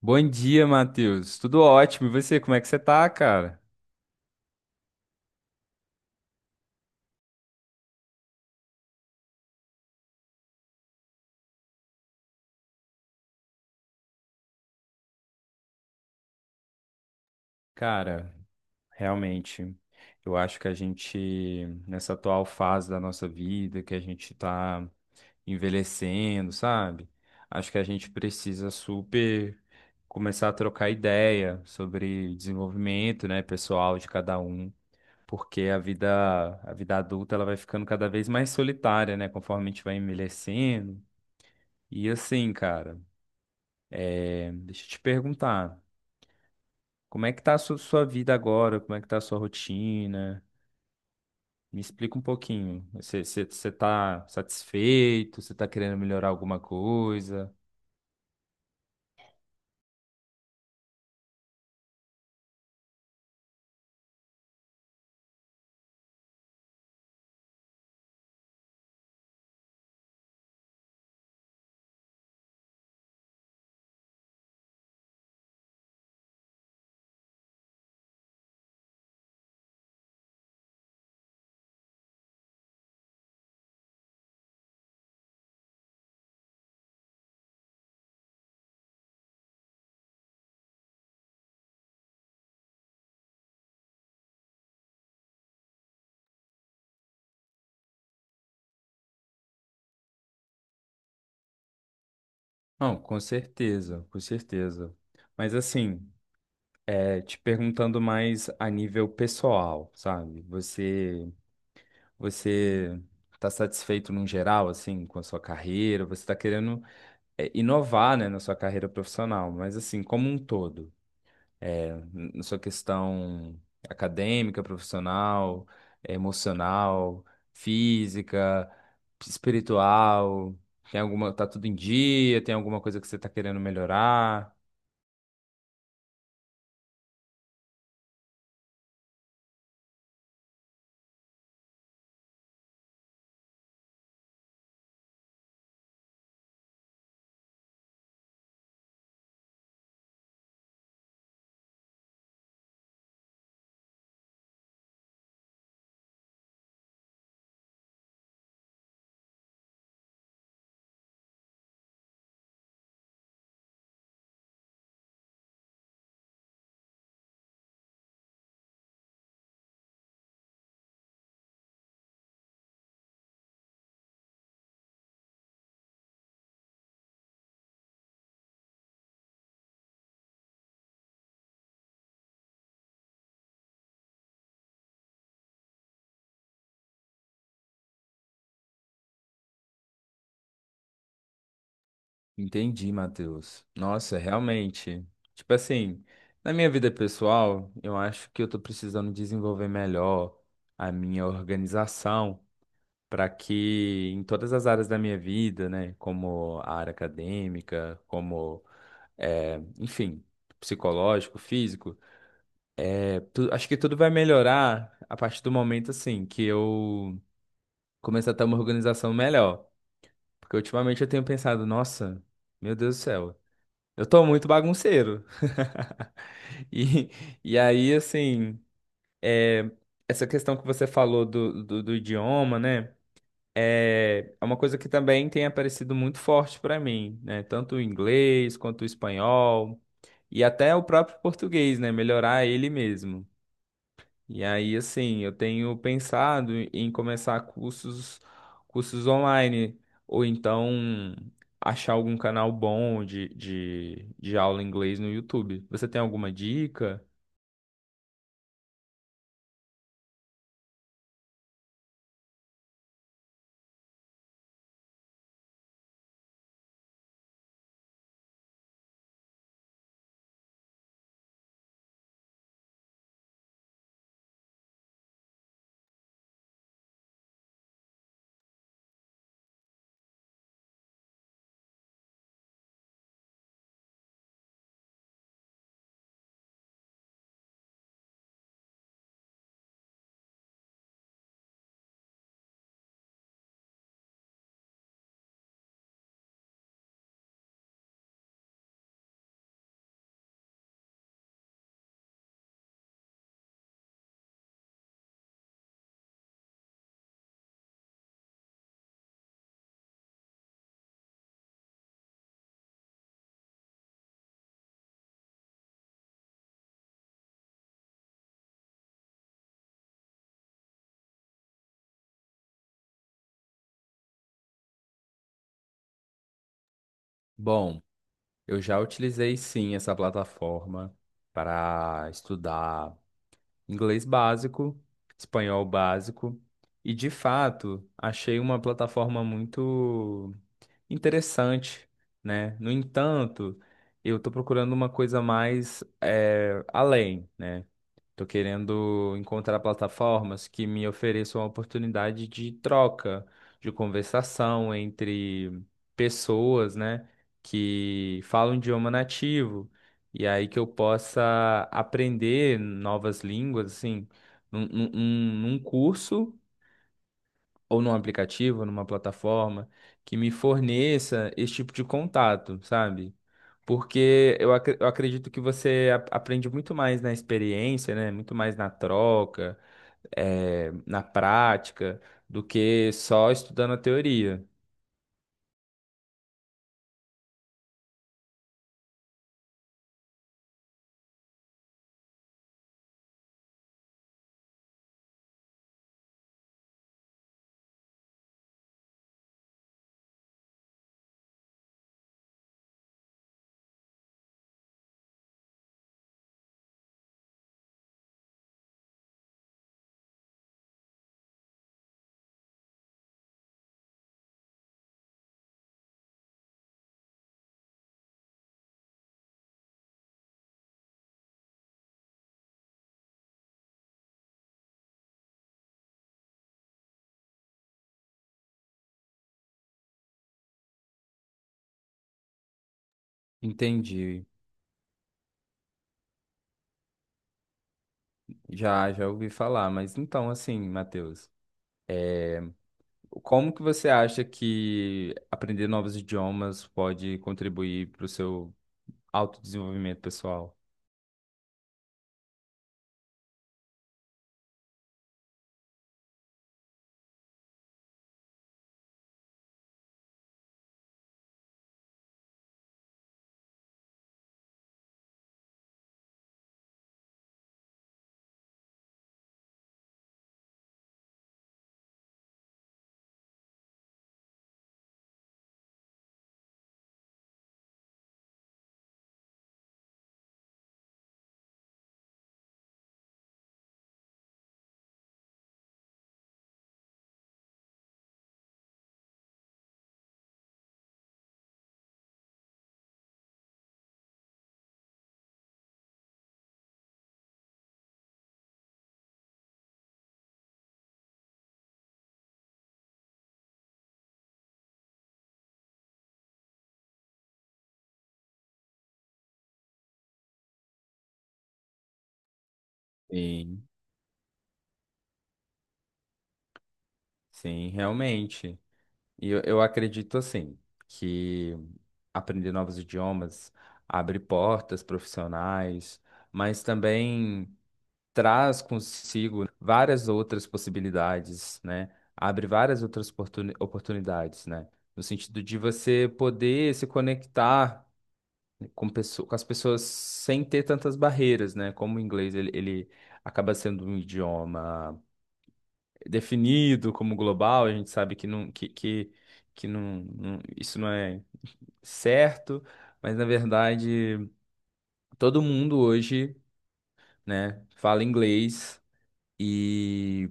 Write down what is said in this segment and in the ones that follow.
Bom dia, Matheus. Tudo ótimo. E você, como é que você tá, cara? Cara, realmente, eu acho que a gente, nessa atual fase da nossa vida, que a gente tá envelhecendo, sabe? Acho que a gente precisa super começar a trocar ideia sobre desenvolvimento, né, pessoal de cada um, porque a vida adulta, ela vai ficando cada vez mais solitária, né, conforme a gente vai envelhecendo. E assim, cara, deixa eu te perguntar. Como é que tá sua vida agora? Como é que tá a sua rotina? Me explica um pouquinho. Você tá satisfeito? Você tá querendo melhorar alguma coisa? Não, com certeza, com certeza. Mas assim, te perguntando mais a nível pessoal, sabe? Você tá satisfeito num geral assim com a sua carreira? Você tá querendo inovar, né, na sua carreira profissional, mas assim, como um todo. Na sua questão acadêmica, profissional, emocional, física, espiritual? Tem alguma, tá tudo em dia? Tem alguma coisa que você tá querendo melhorar? Entendi, Matheus. Nossa, realmente. Tipo assim, na minha vida pessoal, eu acho que eu tô precisando desenvolver melhor a minha organização para que em todas as áreas da minha vida, né, como a área acadêmica, como é, enfim, psicológico, físico. Acho que tudo vai melhorar a partir do momento, assim, que eu começar a ter uma organização melhor. Porque ultimamente eu tenho pensado, nossa, meu Deus do céu, eu tô muito bagunceiro. E, e aí, assim, é, essa questão que você falou do idioma, né? É uma coisa que também tem aparecido muito forte para mim, né? Tanto o inglês quanto o espanhol e até o próprio português, né? Melhorar ele mesmo. E aí, assim, eu tenho pensado em começar cursos, cursos online ou então achar algum canal bom de aula em inglês no YouTube. Você tem alguma dica? Bom, eu já utilizei sim essa plataforma para estudar inglês básico, espanhol básico, e de fato achei uma plataforma muito interessante, né? No entanto, eu estou procurando uma coisa mais além, né? Tô querendo encontrar plataformas que me ofereçam a oportunidade de troca, de conversação entre pessoas, né, que falam idioma nativo, e aí que eu possa aprender novas línguas, assim, num curso ou num aplicativo, numa plataforma que me forneça esse tipo de contato, sabe? Porque eu acredito que aprende muito mais na experiência, né? Muito mais na troca, na prática, do que só estudando a teoria. Entendi. Já, já ouvi falar, mas então, assim, Matheus, como que você acha que aprender novos idiomas pode contribuir para o seu autodesenvolvimento pessoal? Sim. Sim, realmente. E eu acredito assim que aprender novos idiomas abre portas profissionais, mas também traz consigo várias outras possibilidades, né? Abre várias oportunidades, né? No sentido de você poder se conectar com, com as pessoas sem ter tantas barreiras, né? Como o inglês, ele acaba sendo um idioma definido como global, a gente sabe que isso não é certo, mas na verdade todo mundo hoje, né, fala inglês e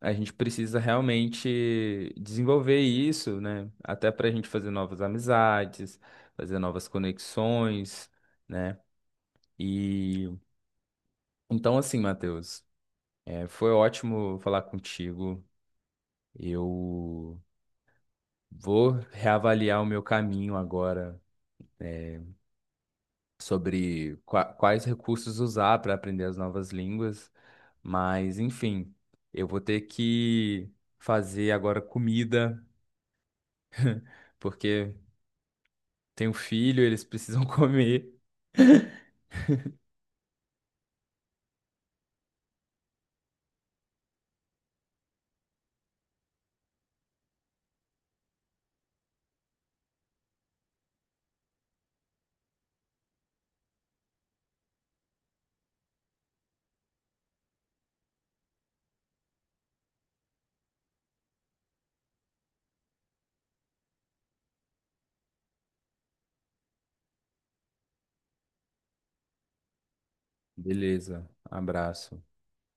a gente precisa realmente desenvolver isso, né, até para a gente fazer novas amizades, fazer novas conexões, né? E então assim, Matheus, foi ótimo falar contigo. Eu vou reavaliar o meu caminho agora né, sobre quais recursos usar para aprender as novas línguas, mas enfim, eu vou ter que fazer agora comida, porque tenho filho, eles precisam comer. Beleza, abraço.